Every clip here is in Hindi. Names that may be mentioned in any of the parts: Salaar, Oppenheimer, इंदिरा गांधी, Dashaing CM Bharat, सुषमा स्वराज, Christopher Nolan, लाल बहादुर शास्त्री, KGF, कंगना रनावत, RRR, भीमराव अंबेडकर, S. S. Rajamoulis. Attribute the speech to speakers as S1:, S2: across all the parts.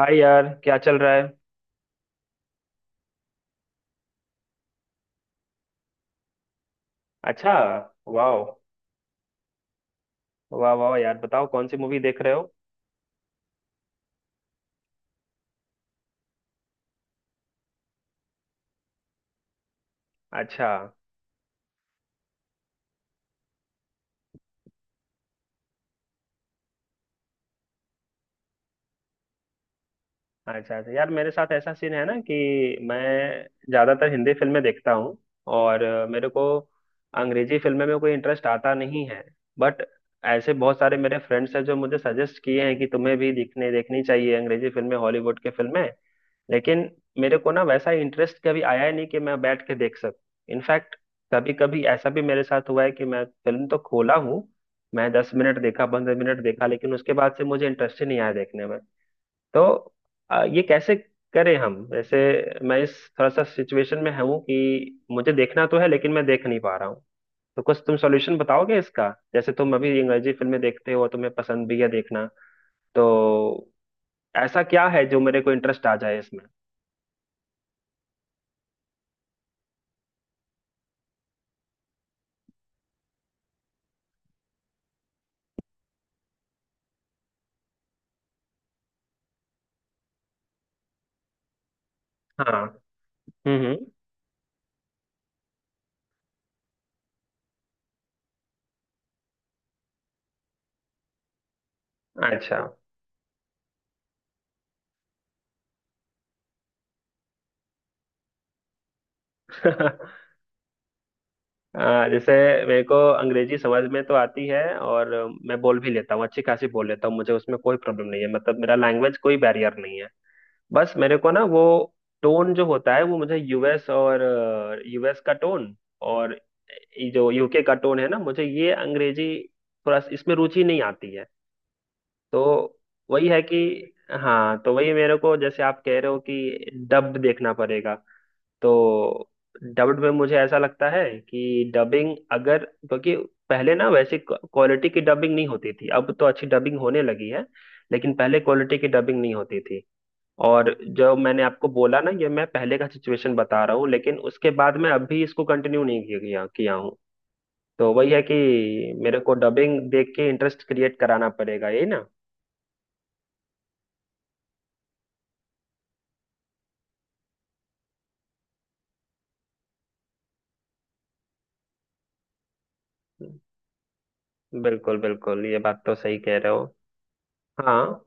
S1: हाय यार, क्या चल रहा है। अच्छा। वाह। वाह वाह यार, बताओ कौन सी मूवी देख रहे हो। अच्छा। अच्छा अच्छा यार, मेरे साथ ऐसा सीन है ना कि मैं ज्यादातर हिंदी फिल्में देखता हूँ, और मेरे को अंग्रेजी फिल्में में कोई इंटरेस्ट आता नहीं है। बट ऐसे बहुत सारे मेरे फ्रेंड्स हैं जो मुझे सजेस्ट किए हैं कि तुम्हें भी देखने देखनी चाहिए अंग्रेजी फिल्में, हॉलीवुड के फिल्में। लेकिन मेरे को ना वैसा इंटरेस्ट कभी आया ही नहीं कि मैं बैठ के देख सकूं। इनफैक्ट कभी कभी ऐसा भी मेरे साथ हुआ है कि मैं फिल्म तो खोला हूँ, मैं 10 मिनट देखा, 15 मिनट देखा, लेकिन उसके बाद से मुझे इंटरेस्ट ही नहीं आया देखने में। तो ये कैसे करें हम। जैसे मैं इस थोड़ा सा सिचुएशन में हूँ कि मुझे देखना तो है लेकिन मैं देख नहीं पा रहा हूँ। तो कुछ तुम सॉल्यूशन बताओगे इसका। जैसे तुम अभी अंग्रेजी फिल्में देखते हो, तुम्हें पसंद भी है देखना, तो ऐसा क्या है जो मेरे को इंटरेस्ट आ जाए इसमें। हाँ। हम्म। अच्छा। जैसे मेरे को अंग्रेजी समझ में तो आती है, और मैं बोल भी लेता हूँ, अच्छी खासी बोल लेता हूँ, मुझे उसमें कोई प्रॉब्लम नहीं है, मतलब मेरा लैंग्वेज कोई बैरियर नहीं है। बस मेरे को ना वो टोन जो होता है, वो मुझे यूएस और यूएस का टोन और ये जो यूके का टोन है ना, मुझे ये अंग्रेजी थोड़ा इसमें रुचि नहीं आती है। तो वही है कि, हाँ, तो वही मेरे को जैसे आप कह रहे हो कि डब देखना पड़ेगा, तो डब्ड में मुझे ऐसा लगता है कि डबिंग अगर, क्योंकि पहले ना वैसे क्वालिटी की डबिंग नहीं होती थी, अब तो अच्छी डबिंग होने लगी है, लेकिन पहले क्वालिटी की डबिंग नहीं होती थी। और जो मैंने आपको बोला ना, ये मैं पहले का सिचुएशन बता रहा हूँ, लेकिन उसके बाद मैं अभी इसको कंटिन्यू नहीं किया किया हूँ। तो वही है कि मेरे को डबिंग देख के इंटरेस्ट क्रिएट कराना पड़ेगा, यही ना। बिल्कुल बिल्कुल, ये बात तो सही कह रहे हो। हाँ।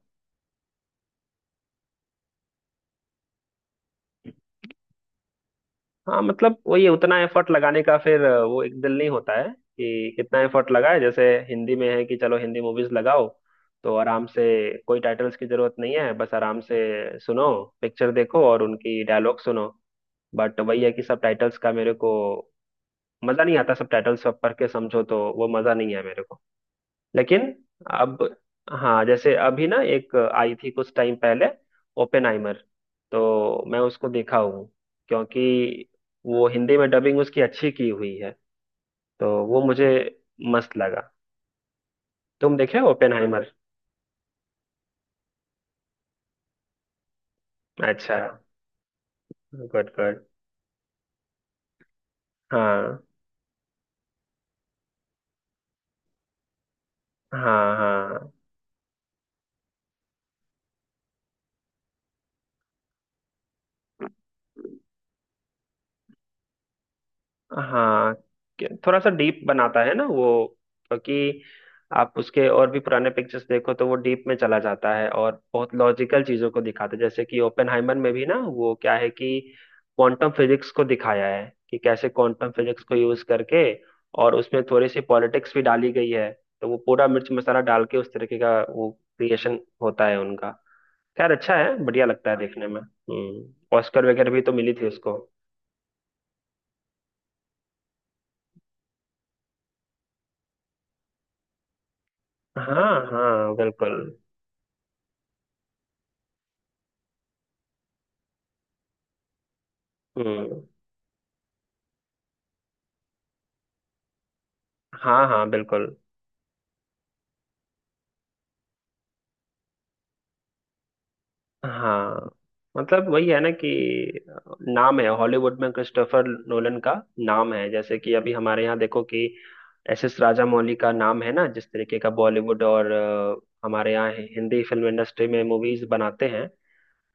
S1: हाँ मतलब वही, उतना एफर्ट लगाने का फिर वो एक दिल नहीं होता है कि कितना एफर्ट लगाए। जैसे हिंदी में है कि चलो हिंदी मूवीज लगाओ, तो आराम से, कोई टाइटल्स की जरूरत नहीं है, बस आराम से सुनो, पिक्चर देखो और उनकी डायलॉग सुनो। बट वही है कि सब टाइटल्स का मेरे को मजा नहीं आता, सब टाइटल्स सब पढ़ के समझो, तो वो मजा नहीं है मेरे को। लेकिन अब, हाँ, जैसे अभी ना एक आई थी कुछ टाइम पहले, ओपेनहाइमर, तो मैं उसको देखा हूँ क्योंकि वो हिंदी में डबिंग उसकी अच्छी की हुई है, तो वो मुझे मस्त लगा। तुम देखे ओपेनहाइमर। अच्छा। Good good. हाँ। हाँ। हाँ। हाँ थोड़ा सा डीप बनाता है ना वो, क्योंकि आप उसके और भी पुराने पिक्चर्स देखो तो वो डीप में चला जाता है और बहुत लॉजिकल चीजों को दिखाता है। जैसे कि ओपेनहाइमर में भी ना वो क्या है कि क्वांटम फिजिक्स को दिखाया है कि कैसे क्वांटम फिजिक्स को यूज करके, और उसमें थोड़ी सी पॉलिटिक्स भी डाली गई है, तो वो पूरा मिर्च मसाला डाल के उस तरीके का वो क्रिएशन होता है उनका। खैर, अच्छा है, बढ़िया लगता है देखने में। हम्म, ऑस्कर वगैरह भी तो मिली थी उसको। हाँ हाँ बिल्कुल। हम्म। हाँ हाँ बिल्कुल। हाँ, मतलब वही है ना कि नाम है हॉलीवुड में क्रिस्टोफर नोलन का नाम है। जैसे कि अभी हमारे यहाँ देखो कि एस एस राजामौली का नाम है ना, जिस तरीके का बॉलीवुड और हमारे यहाँ हिंदी फिल्म इंडस्ट्री में मूवीज बनाते हैं,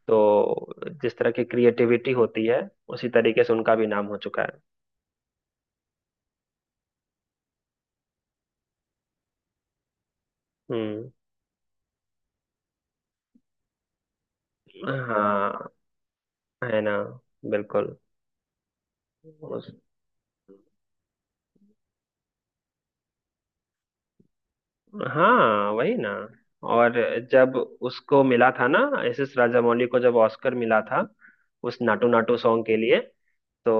S1: तो जिस तरह की क्रिएटिविटी होती है, उसी तरीके से उनका भी नाम हो चुका है। हम्म। हाँ, है ना, बिल्कुल। हाँ, वही ना। और जब उसको मिला था ना, एस एस राजामौली को जब ऑस्कर मिला था उस नाटू नाटू सॉन्ग के लिए, तो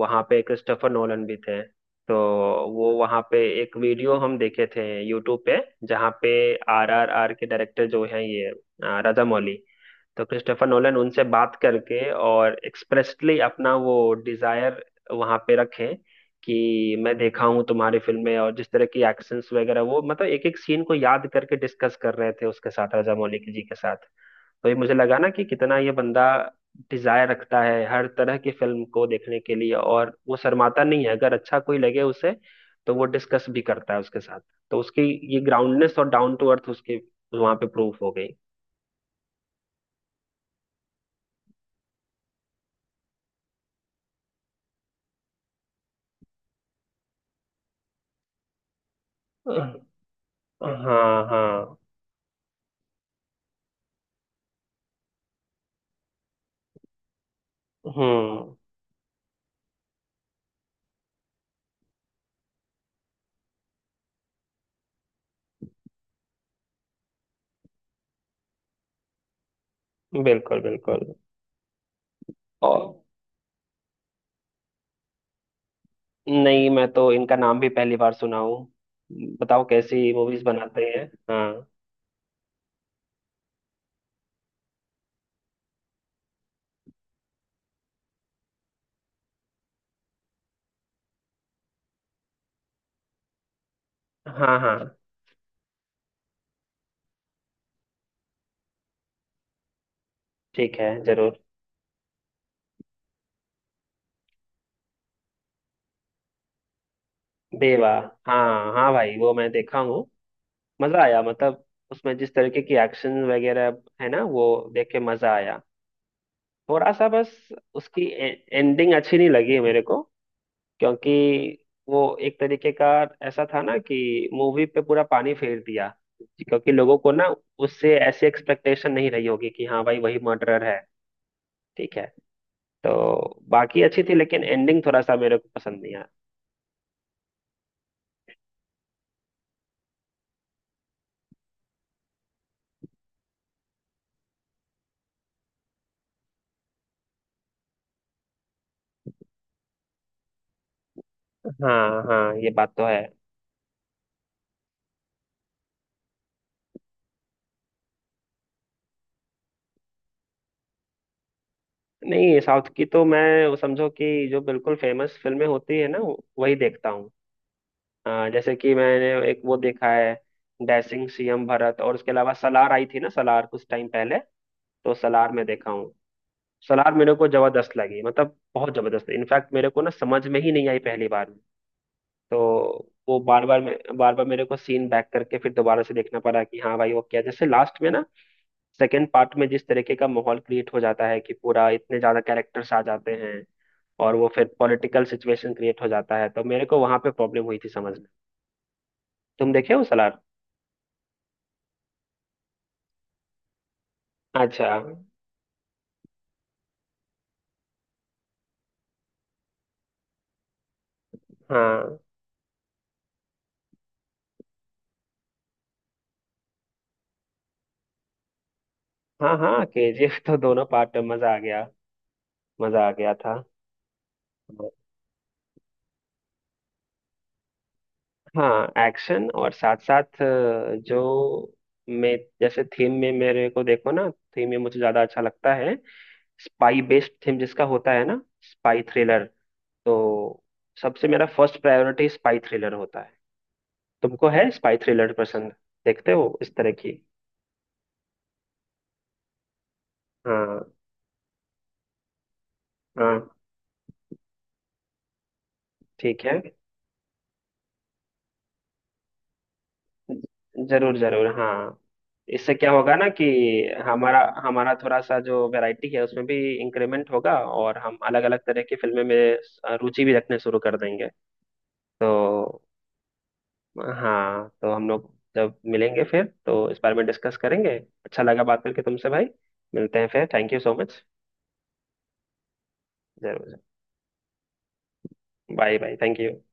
S1: वहां पे क्रिस्टोफर नोलन भी थे। तो वो वहां पे एक वीडियो हम देखे थे यूट्यूब पे, जहाँ पे आर आर आर के डायरेक्टर जो हैं ये राजामौली, तो क्रिस्टोफर नोलन उनसे बात करके और एक्सप्रेसली अपना वो डिजायर वहां पे रखें कि मैं देखा हूँ तुम्हारी फिल्में, और जिस तरह की एक्शंस वगैरह, वो मतलब एक एक सीन को याद करके डिस्कस कर रहे थे उसके साथ, रजा मौलिक जी के साथ। तो ये मुझे लगा ना कि कितना ये बंदा डिजायर रखता है हर तरह की फिल्म को देखने के लिए, और वो शर्माता नहीं है अगर अच्छा कोई लगे उसे, तो वो डिस्कस भी करता है उसके साथ। तो उसकी ये ग्राउंडनेस और डाउन टू अर्थ उसकी वहां पे प्रूफ हो गई। हाँ हाँ। हम्म। बिल्कुल बिल्कुल। और नहीं, मैं तो इनका नाम भी पहली बार सुना हूँ, बताओ कैसी मूवीज बनाते हैं। हाँ। हाँ। हाँ ठीक है, जरूर। देवा, हाँ हाँ भाई, वो मैं देखा हूँ। मजा आया, मतलब उसमें जिस तरीके की एक्शन वगैरह है ना, वो देख के मजा आया। थोड़ा सा बस उसकी एंडिंग अच्छी नहीं लगी मेरे को, क्योंकि वो एक तरीके का ऐसा था ना कि मूवी पे पूरा पानी फेर दिया, क्योंकि लोगों को ना उससे ऐसी एक्सपेक्टेशन नहीं रही होगी कि हाँ भाई वही मर्डरर है, ठीक है। तो बाकी अच्छी थी, लेकिन एंडिंग थोड़ा सा मेरे को पसंद नहीं आया। हाँ हाँ, ये बात तो है। नहीं, साउथ की तो मैं वो समझो कि जो बिल्कुल फेमस फिल्में होती है ना, वही देखता हूँ। हाँ, जैसे कि मैंने एक वो देखा है, डैशिंग सीएम भरत, और उसके अलावा सलार आई थी ना, सलार, कुछ टाइम पहले, तो सलार में देखा हूँ। सलार मेरे को जबरदस्त लगी, मतलब बहुत जबरदस्त, इनफैक्ट मेरे को ना समझ में ही नहीं आई पहली बार में। तो वो बार बार मेरे को सीन बैक करके फिर दोबारा से देखना पड़ा कि हाँ भाई वो क्या, जैसे लास्ट में ना सेकंड पार्ट में जिस तरीके का माहौल क्रिएट हो जाता है कि पूरा इतने ज्यादा कैरेक्टर्स आ जाते हैं और वो फिर पॉलिटिकल सिचुएशन क्रिएट हो जाता है, तो मेरे को वहां पे प्रॉब्लम हुई थी समझ में। तुम देखे हो सलार। अच्छा। हाँ। हाँ हाँ केजीएफ तो दोनों पार्ट में मजा आ गया, मजा आ गया था। हाँ, एक्शन, और साथ साथ जो मैं, जैसे थीम में मेरे को देखो ना, थीम में मुझे ज्यादा अच्छा लगता है स्पाई बेस्ड थीम जिसका होता है ना, स्पाई थ्रिलर, तो सबसे मेरा फर्स्ट प्रायोरिटी स्पाई थ्रिलर होता है। तुमको है स्पाई थ्रिलर पसंद, देखते हो इस तरह की। हाँ। हाँ ठीक है, जरूर जरूर, हाँ। इससे क्या होगा ना कि हमारा हमारा थोड़ा सा जो वैरायटी है उसमें भी इंक्रीमेंट होगा, और हम अलग अलग तरह की फिल्में में रुचि भी रखने शुरू कर देंगे तो। हाँ, तो हम लोग जब मिलेंगे फिर तो इस बारे में डिस्कस करेंगे। अच्छा लगा बात करके तुमसे भाई, मिलते हैं फिर, थैंक यू सो मच। जरूर। Bye bye, thank you.